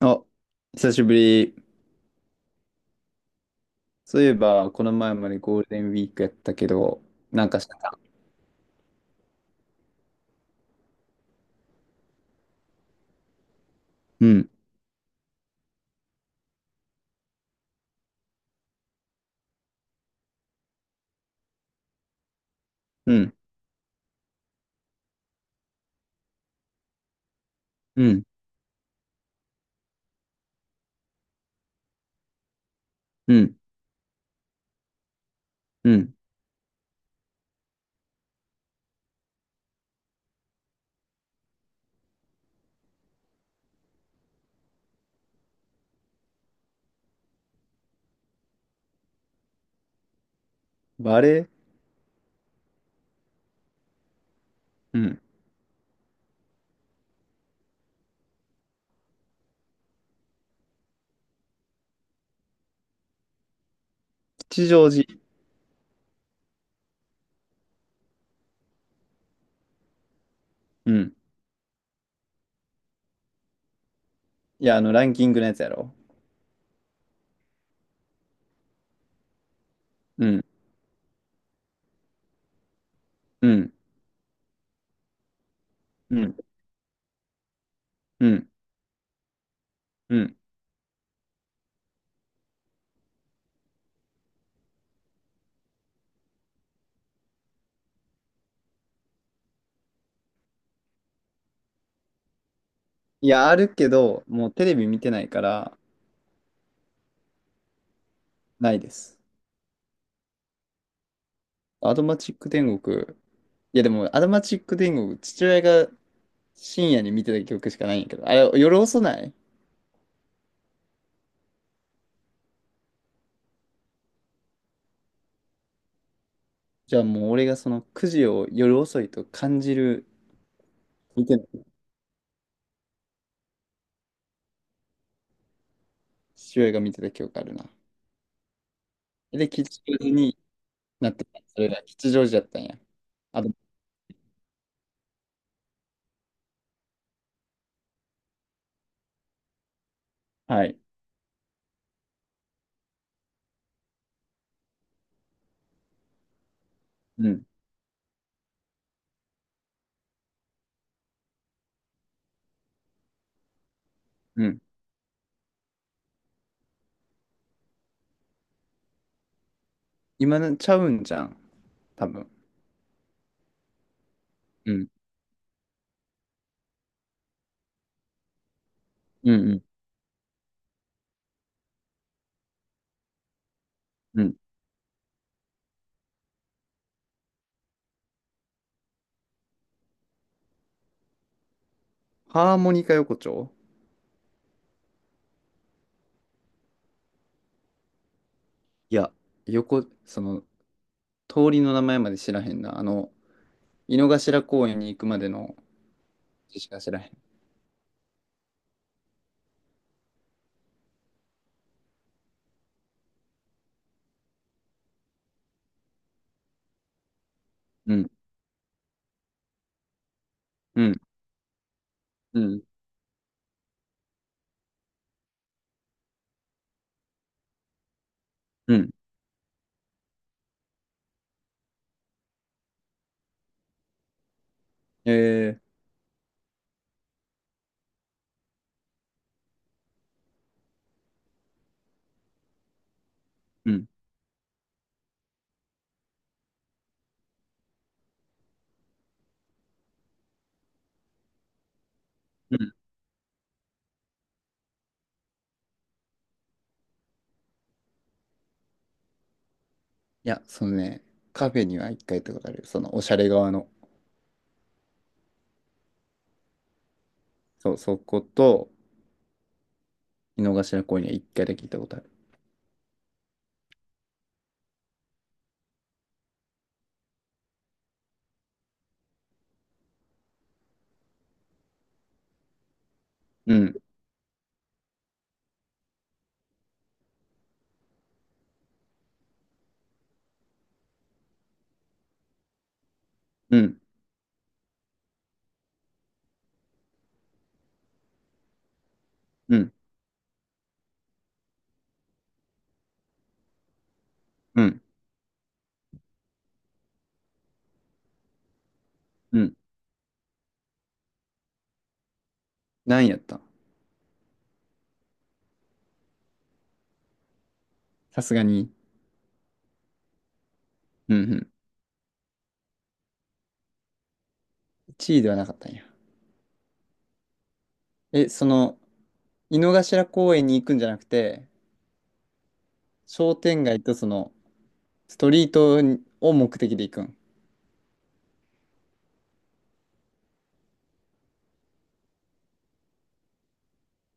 あ、久しぶり。そういえば、この前までゴールデンウィークやったけど、なんかしたか？うん。うん。うん。うん。うん。バレー。うん。吉祥寺。うん。いや、あの、ランキングのやつやろ。うん。うん。うん。うん。うん。いや、あるけど、もうテレビ見てないから、ないです。アドマチック天国。いや、でも、アドマチック天国、父親が深夜に見てた曲しかないんやけど、あれ、夜遅ない？じゃあもう俺がそのくじを夜遅いと感じる。見てない。父親が見てた記憶あるな。で、吉祥寺になってた。それが吉祥寺やったんや。あと、はい。うん。うん。今のちゃうんじゃん。多分。うん。うんうん。うん。ハーモニカ横丁。いや、横、その、通りの名前まで知らへんな。あの、井の頭公園に行くまでの字しか知らへん。うん。うん。うん。うん。えー。うん。うん。いや、そのね、カフェには一回行ったことある。その、おしゃれ側の。そう、そこと、井の頭公園には一回だけ行ったことある。うん。うん。うん。うん。うん。何位やったん？さすがに、うん、うん。1位ではなかったんや。え、その、井の頭公園に行くんじゃなくて、商店街とその、ストリートを目的で行くん？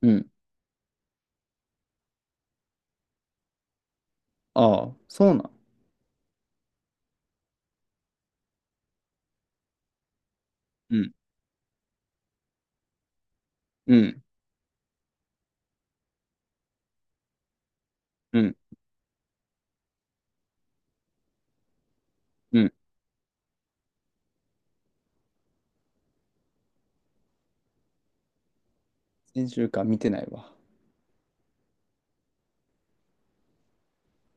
うん。ああ、そうなん。うん。うん。うん。うん。先週間見てないわ。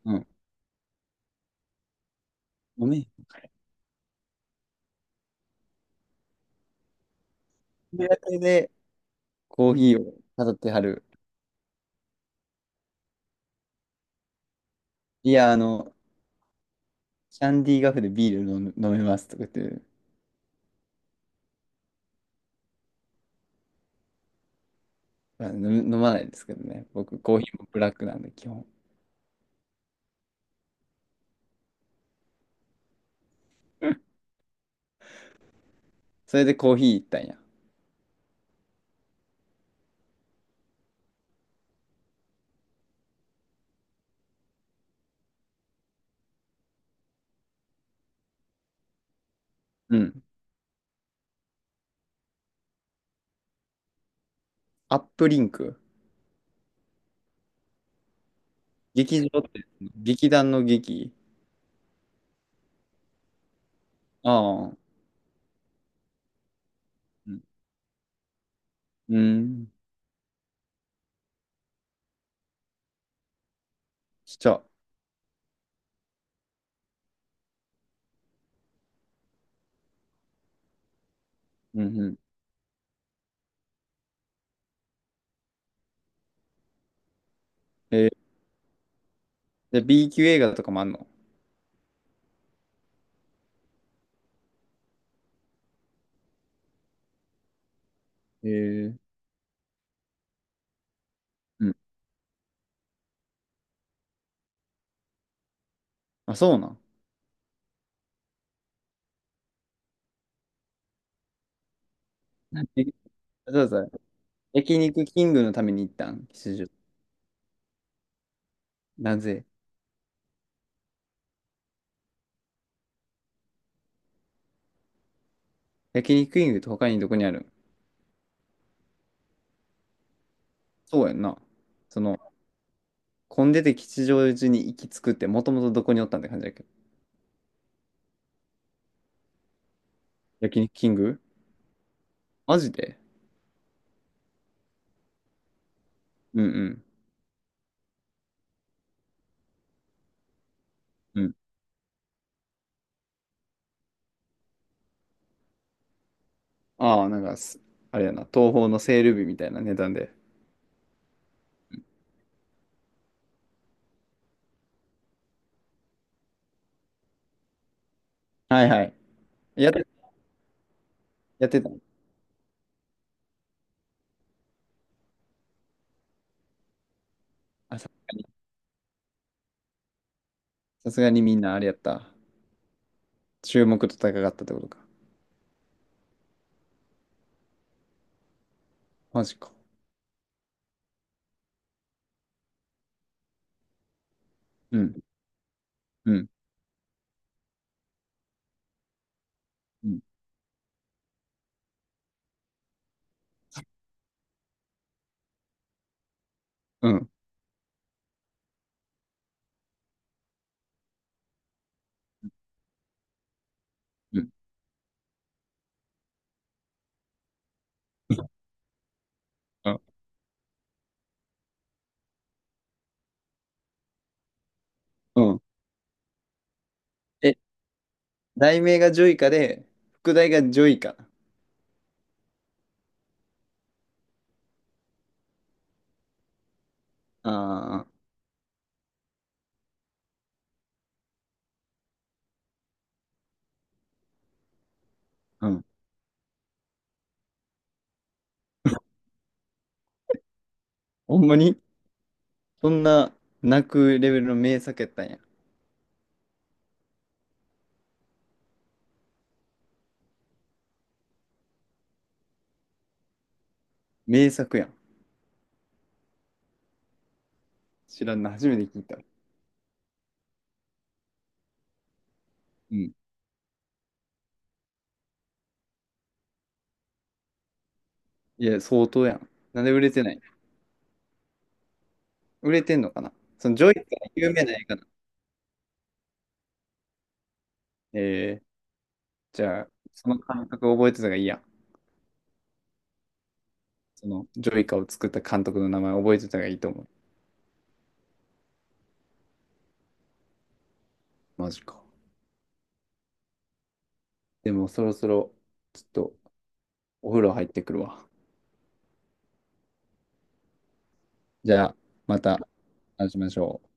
うん。ごめん。手当てでコーヒーを飾ってはる。いや、あの、キャンディーガフでビール飲む飲めますとか言って、まあ飲む飲まないんですけどね。僕、コーヒーもブラックなんで、基本。それでコーヒー行ったんや。うん。アップリンク。劇場って、劇団の劇？ああ。うん。うん。しちゃう。うんうん。えー、で、B 級映画とかもあんの？えー。うん。あ、そうなん。え、そうそう。焼肉キングのために行ったん吉祥？なぜ？焼肉キングって他にどこにある？そうやんな。その、混んでて吉祥寺に行き着くって、もともとどこにおったんって感じだけど。焼肉キング？マジで？うんうん。うん。ああ、なんかす、あれやな、東宝のセール日みたいな値段で。はいはい。やってやってた。あ、さ、さすがにみんなあれやった。注目と高かったってことか。マジか。うん。うん。うん。うん。うん。うん。うん。え、題名がジョイカで、副題がジョイカ？ああ。うん。ほんまに？そんな泣くレベルの名作やったんや。名作やん。知らんな、初めて聞いた。うん。いや、相当やん。なんで売れてない？売れてんのかな？そのジョイカは有名な映画なの？えー。じゃあ、その監督覚えてたがいいや。そのジョイカを作った監督の名前覚えてたがいいと思う。マジか。でもそろそろ、ちょっとお風呂入ってくるわ。じゃあ、また話しましょう。